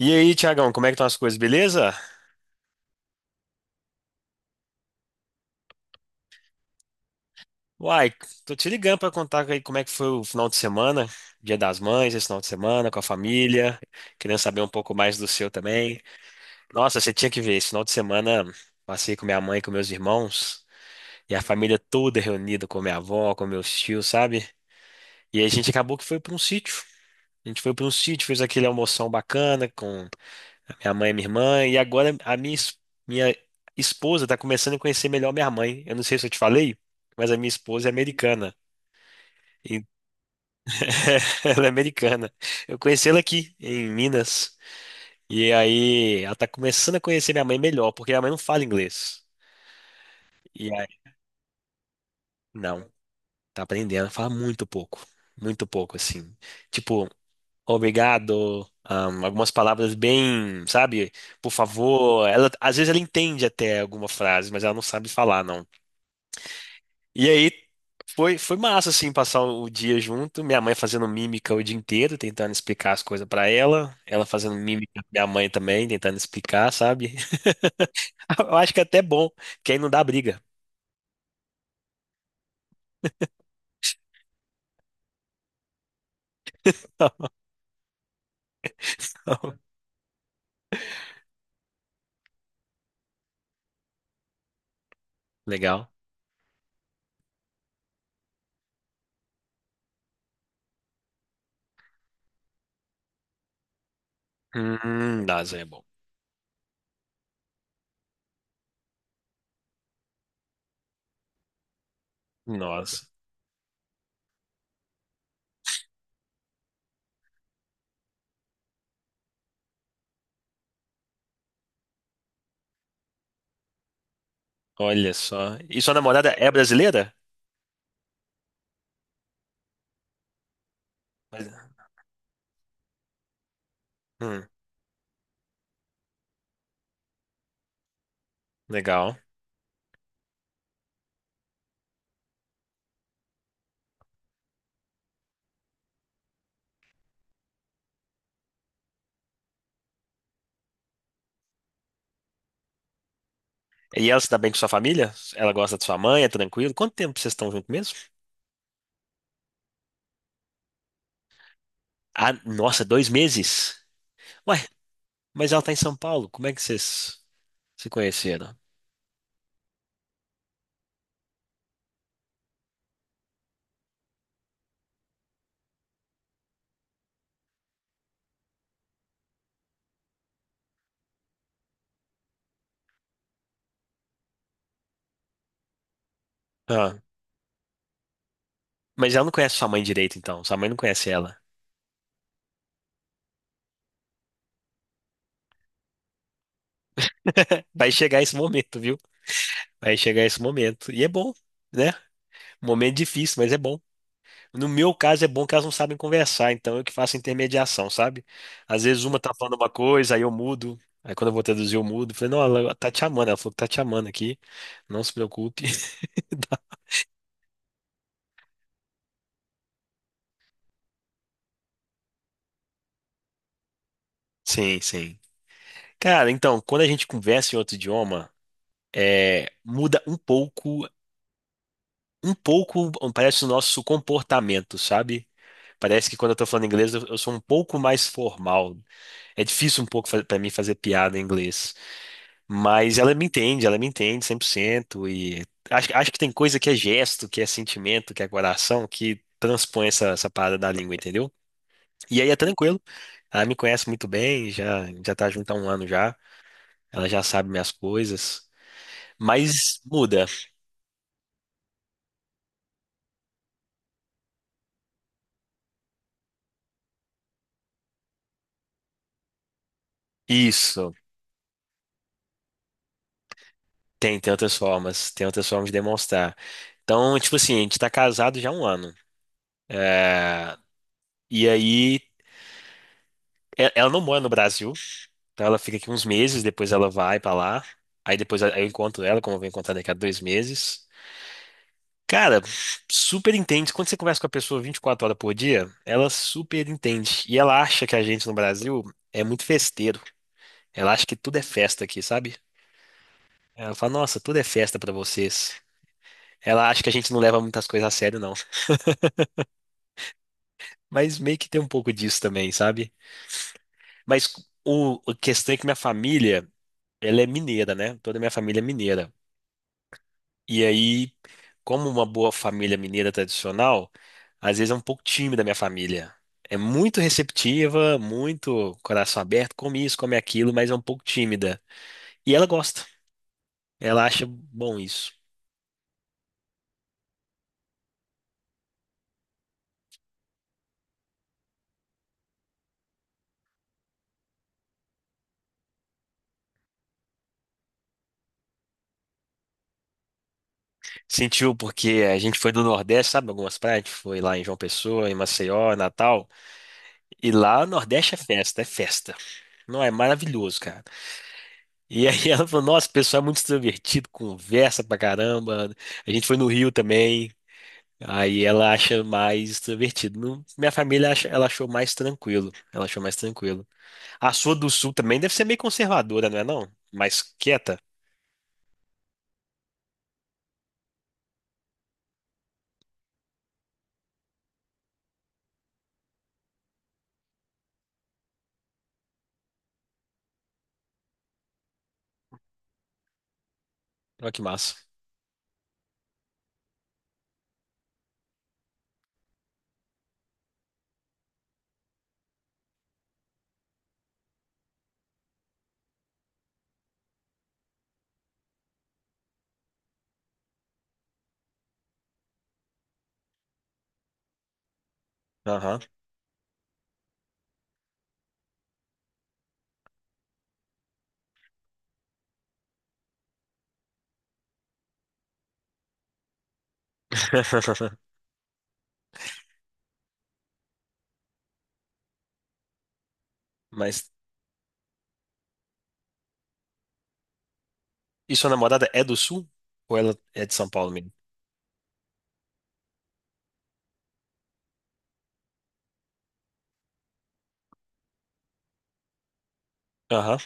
E aí, Tiagão, como é que estão as coisas, beleza? Uai, tô te ligando pra contar aí como é que foi o final de semana, Dia das Mães, esse final de semana, com a família, querendo saber um pouco mais do seu também. Nossa, você tinha que ver, esse final de semana passei com minha mãe, com meus irmãos, e a família toda reunida, com minha avó, com meus tios, sabe? E a gente acabou que foi pra um sítio. A gente foi pra um sítio, fez aquele almoção bacana, com minha mãe é minha irmã, e agora a minha, minha esposa está começando a conhecer melhor minha mãe. Eu não sei se eu te falei, mas a minha esposa é americana. E- Ela é americana. Eu conheci ela aqui, em Minas. E aí ela tá começando a conhecer minha mãe melhor, porque minha mãe não fala inglês. E aí, não, tá aprendendo, fala muito pouco. Muito pouco, assim. Tipo, obrigado, algumas palavras bem, sabe? Por favor. Ela, às vezes ela entende até alguma frase, mas ela não sabe falar, não. E aí foi massa, assim, passar o dia junto. Minha mãe fazendo mímica o dia inteiro, tentando explicar as coisas pra ela. Ela fazendo mímica, pra minha mãe também, tentando explicar, sabe? Eu acho que é até bom, que aí não dá briga. Legal. Nossa, é bom. Nossa, olha só. E sua namorada é brasileira? Mas... hum, legal. E ela se dá bem com sua família? Ela gosta de sua mãe, é tranquilo? Quanto tempo vocês estão juntos mesmo? Ah, nossa, dois meses? Ué, mas ela está em São Paulo. Como é que vocês se conheceram? Ah, mas ela não conhece sua mãe direito, então. Sua mãe não conhece ela. Vai chegar esse momento, viu? Vai chegar esse momento. E é bom, né? Momento difícil, mas é bom. No meu caso, é bom que elas não sabem conversar, então eu que faço intermediação, sabe? Às vezes uma tá falando uma coisa, aí eu mudo. Aí quando eu vou traduzir, eu mudo. Falei, não, ela tá te amando. Ela falou que tá te amando aqui. Não se preocupe. Sim, sim. Cara, então, quando a gente conversa em outro idioma, é, muda um pouco parece o nosso comportamento, sabe? Parece que quando eu tô falando inglês, eu sou um pouco mais formal. É difícil um pouco para mim fazer piada em inglês. Mas ela me entende 100%. E acho, acho que tem coisa que é gesto, que é sentimento, que é coração, que transpõe essa, essa parada da língua, entendeu? E aí é tranquilo. Ela me conhece muito bem, já, já tá junto há um ano já. Ela já sabe minhas coisas. Mas muda. Isso. Tem, tem outras formas de demonstrar. Então, tipo assim, a gente tá casado já há um ano. Ah, e aí, ela não mora no Brasil, então ela fica aqui uns meses, depois ela vai pra lá. Aí depois eu encontro ela, como eu vou encontrar daqui a dois meses. Cara, super entende. Quando você conversa com a pessoa 24 horas por dia, ela super entende. E ela acha que a gente no Brasil é muito festeiro. Ela acha que tudo é festa aqui, sabe? Ela fala, nossa, tudo é festa pra vocês. Ela acha que a gente não leva muitas coisas a sério, mas meio que tem um pouco disso também, sabe? Mas a questão é que minha família, ela é mineira, né? Toda minha família é mineira. E aí, como uma boa família mineira tradicional, às vezes é um pouco tímida a minha família. É muito receptiva, muito coração aberto, come isso, come aquilo, mas é um pouco tímida. E ela gosta. Ela acha bom isso. Sentiu porque a gente foi do Nordeste, sabe? Algumas praias, a gente foi lá em João Pessoa, em Maceió, Natal. E lá no Nordeste é festa, é festa. Não, é maravilhoso, cara. E aí ela falou, nossa, o pessoal é muito extrovertido, conversa pra caramba. A gente foi no Rio também. Aí ela acha mais extrovertido. Minha família ela achou mais tranquilo. Ela achou mais tranquilo. A sua do Sul também deve ser meio conservadora, não é não? Mais quieta. Olha que massa. Aham. Mas e sua namorada é do Sul? Ou ela é de São Paulo mesmo? Aham.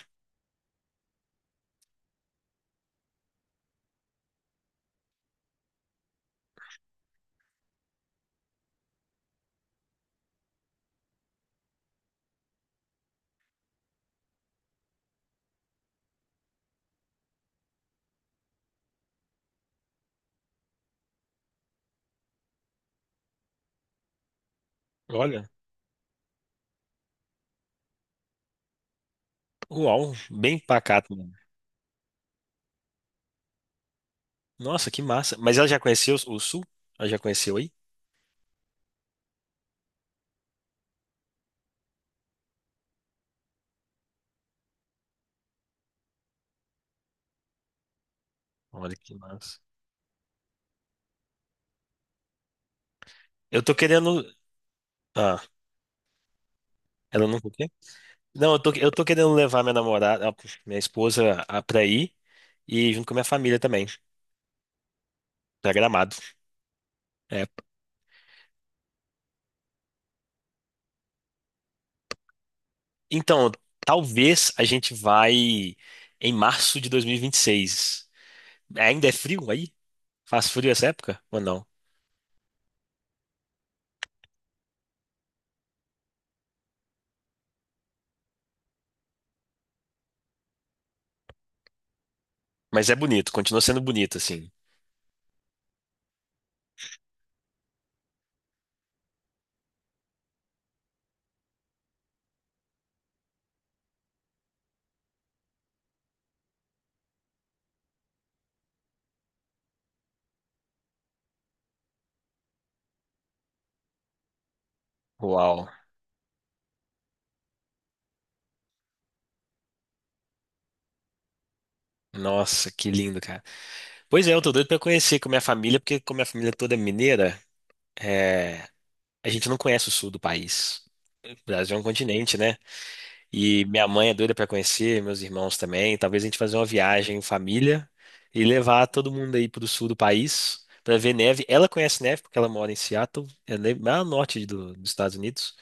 Olha. Uau, bem pacato mesmo. Nossa, que massa. Mas ela já conheceu o Sul? Ela já conheceu aí? Olha que massa. Eu tô querendo. Ah, ela não o quê? Não, eu tô querendo levar minha namorada, ah, minha esposa, pra ir e junto com a minha família também, pra Gramado. É, então, talvez a gente vai em março de 2026. Ainda é frio aí? Faz frio essa época? Ou não? Mas é bonito, continua sendo bonito assim. Uau. Nossa, que lindo, cara. Pois é, eu tô doido pra conhecer com a minha família, porque como minha família toda é mineira, é, a gente não conhece o sul do país. O Brasil é um continente, né? E minha mãe é doida para conhecer, meus irmãos também. Talvez a gente fazer uma viagem em família e levar todo mundo aí pro sul do país para ver neve. Ela conhece neve porque ela mora em Seattle, lá no norte dos Estados Unidos.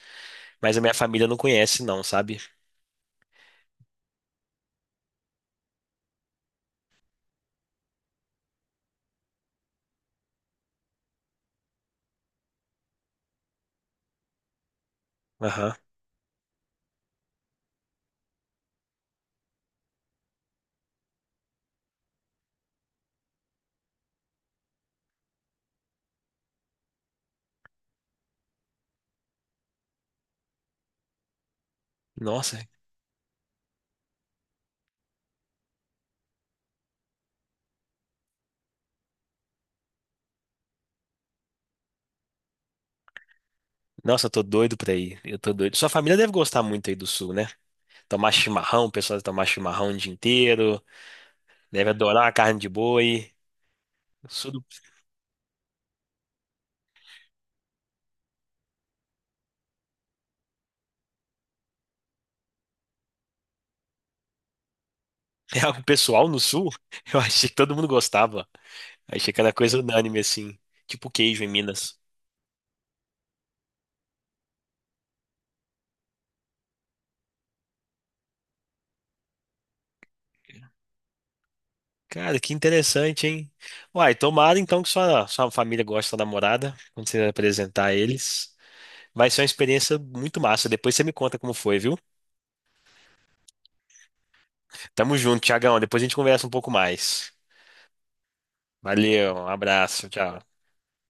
Mas a minha família não conhece, não, sabe? Aham. Nossa. Nossa, eu tô doido pra ir. Eu tô doido. Sua família deve gostar muito aí do sul, né? Tomar chimarrão, o pessoal deve tomar chimarrão o dia inteiro. Deve adorar a carne de boi. O sul do- É algo pessoal no sul? Eu achei que todo mundo gostava. Achei cada coisa unânime, assim. Tipo queijo em Minas. Cara, que interessante, hein? Uai, tomara então que sua família goste da namorada, quando você apresentar eles. Vai ser uma experiência muito massa. Depois você me conta como foi, viu? Tamo junto, Tiagão. Depois a gente conversa um pouco mais. Valeu, um abraço, tchau.